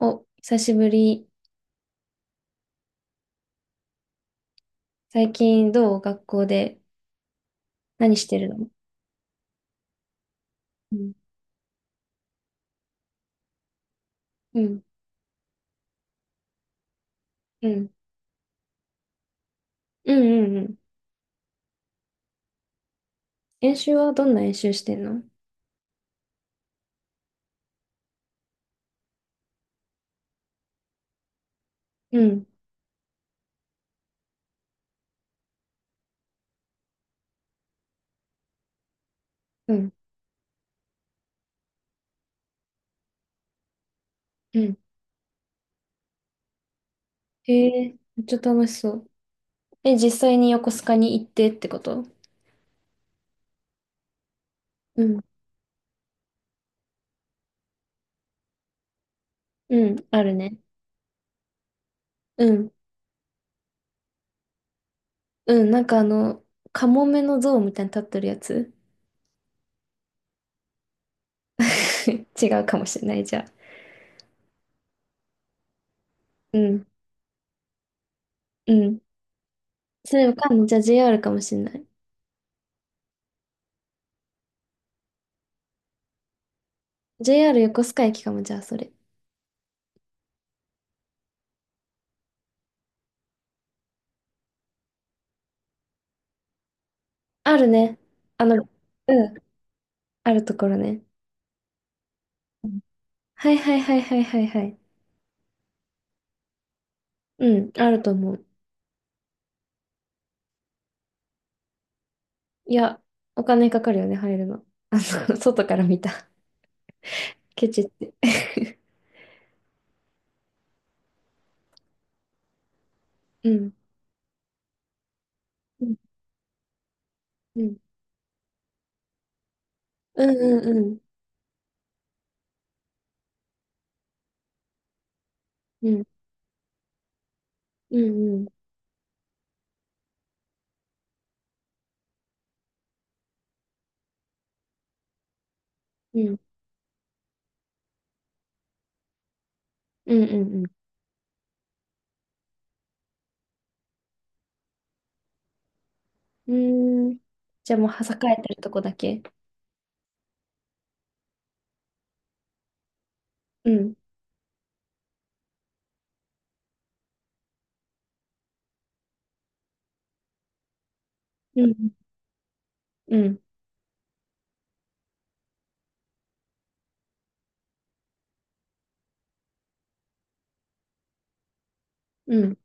お、久しぶり。最近どう？学校で何してるの？うん、うん、うん、うん、うんうん。演習はどんな演習してんの？うん、うん、うん。へえ、めっちゃ楽しそう。え、実際に横須賀に行ってってこと？うん、うん、あるね。うん、うん、なんかあの、カモメの像みたいに立ってるやつ？ 違うかもしれない、じゃあ。うん、うん。それわかんない。じゃあ JR かもしれない。JR 横須賀駅かも、じゃあそれ。あるね。あの、うん。あるところね。うん、はいはいはいはいはいはい。うん、あると思う。いや、お金かかるよね、入るの。あの、外から見た。ケチって。うん。うん。うん。うんうんうん。うんうんうんうん。うんうんうん。うーん。じゃあもう、はさかえてるとこだけ。うん。うん。うん。うん。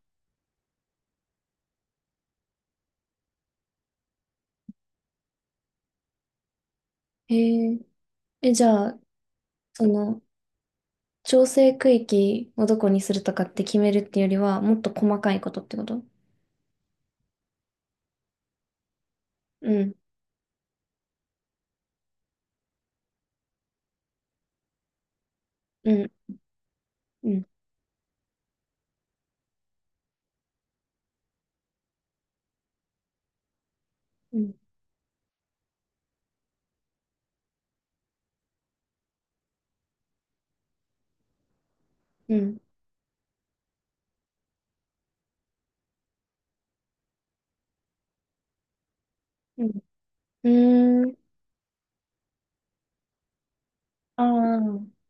へえ。え、じゃあ、その、調整区域をどこにするとかって決めるっていうよりは、もっと細かいことってこと？うん。うん。うん。うん。うん。うん。うーん。ああ。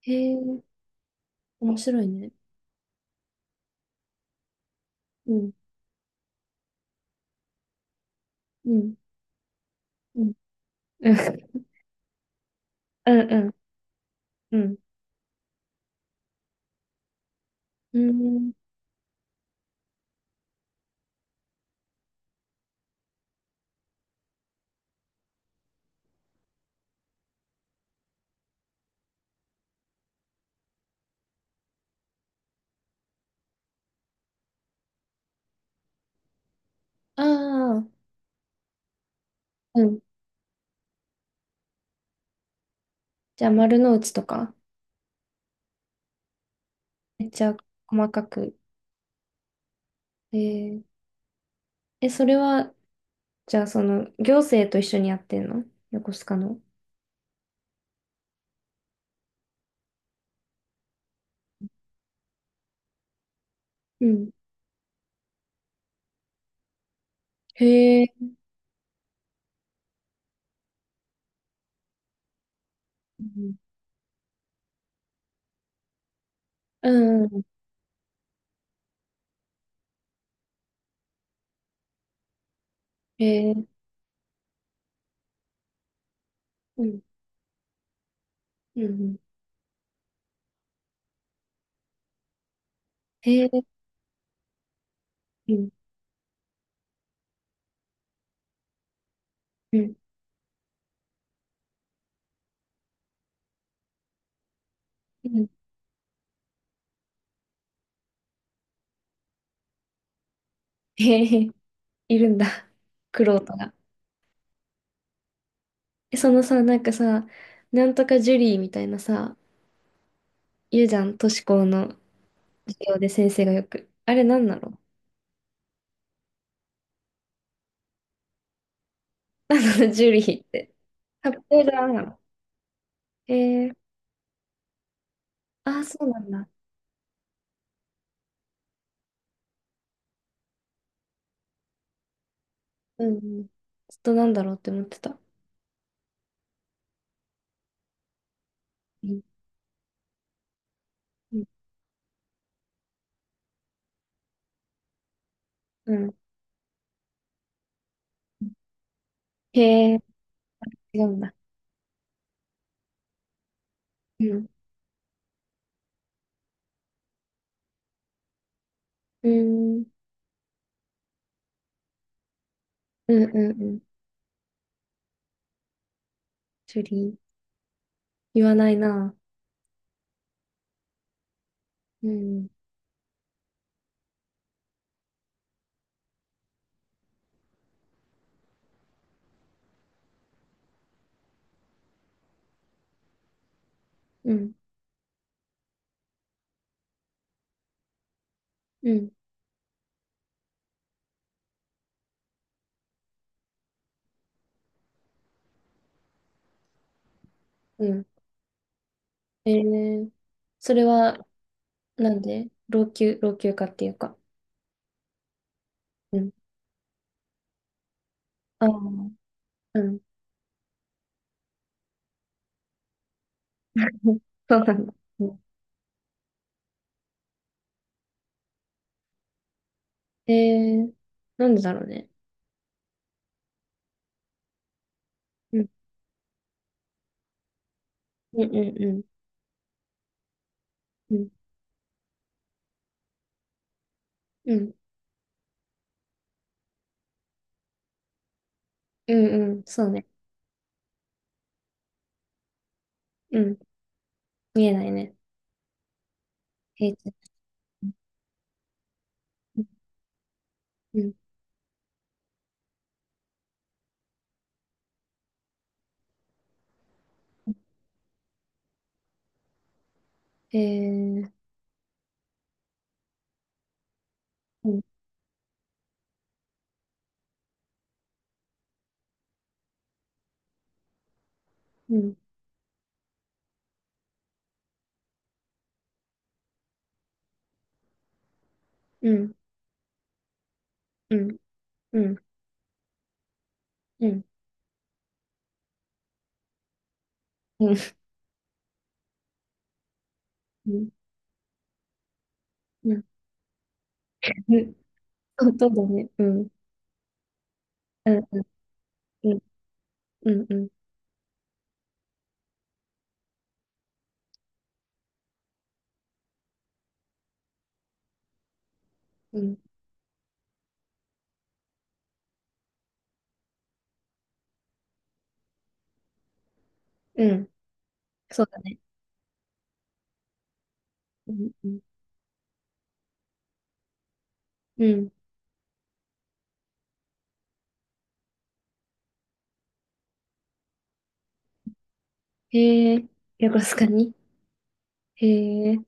へえ、面白いね。うん。うん。うん。うん。うんうん。うん。うん。あー、うん。じゃあ、丸の内とか。めっちゃ細かく。えー、え、それは、じゃあ、その、行政と一緒にやってんの？横須賀の。うん。へえ。うん。うんうん、へえ。うん。うんうん。へえ。うん。うん。うん。へえ。いるんだ。玄人が。そのさ、なんかさ、なんとかジュリーみたいなさ、言うじゃん、都市高の授業で先生がよく。あれなんなの？ あの、ジュリーって。カプセルアなの？えー、ああ、そうなんだ。うんうん。ちょっとなんだろうって思ってた。うんうんうん、へえ、違うんだ。うん。うん。うんうんうん。ジュリー。言わないな。うん。うん。うん。うん。えー、それは、なんで？老朽、老朽化っていうか。うん。ああ。うん。うん、そうそうそう。うん、えー、なんでだろうね。うん、うん、うん、うん、うん、うん、うんうん、そうね。うん、見えないね。平地。うん、うん、えー、うん、うん、うん、うん、うん、うん、うん、うん、うん、うん、そうそうだね。うん、うん、うん、うん、うん、うん、うん、そうだね。うん、うん、うん。へえ、横須賀に？へえ、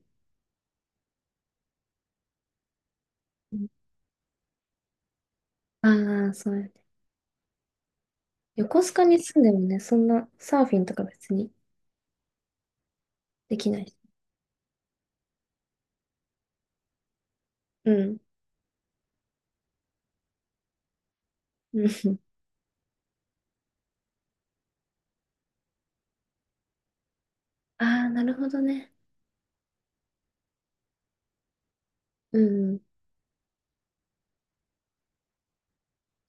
ああー、そうやね。横須賀に住んでもね、そんなサーフィンとか別にできないし。うん。うん。ああ、なるほどね。うん。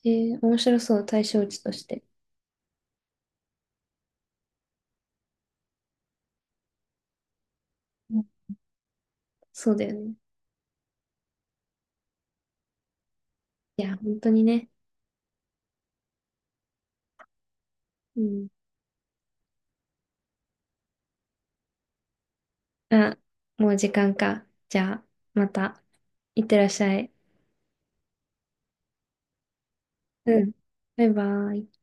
えー、面白そう、対象地として。うん、そうだよね。いや、本当にね。うん。あ、もう時間か。じゃあ、また。いってらっしゃい。うん。バイバイ。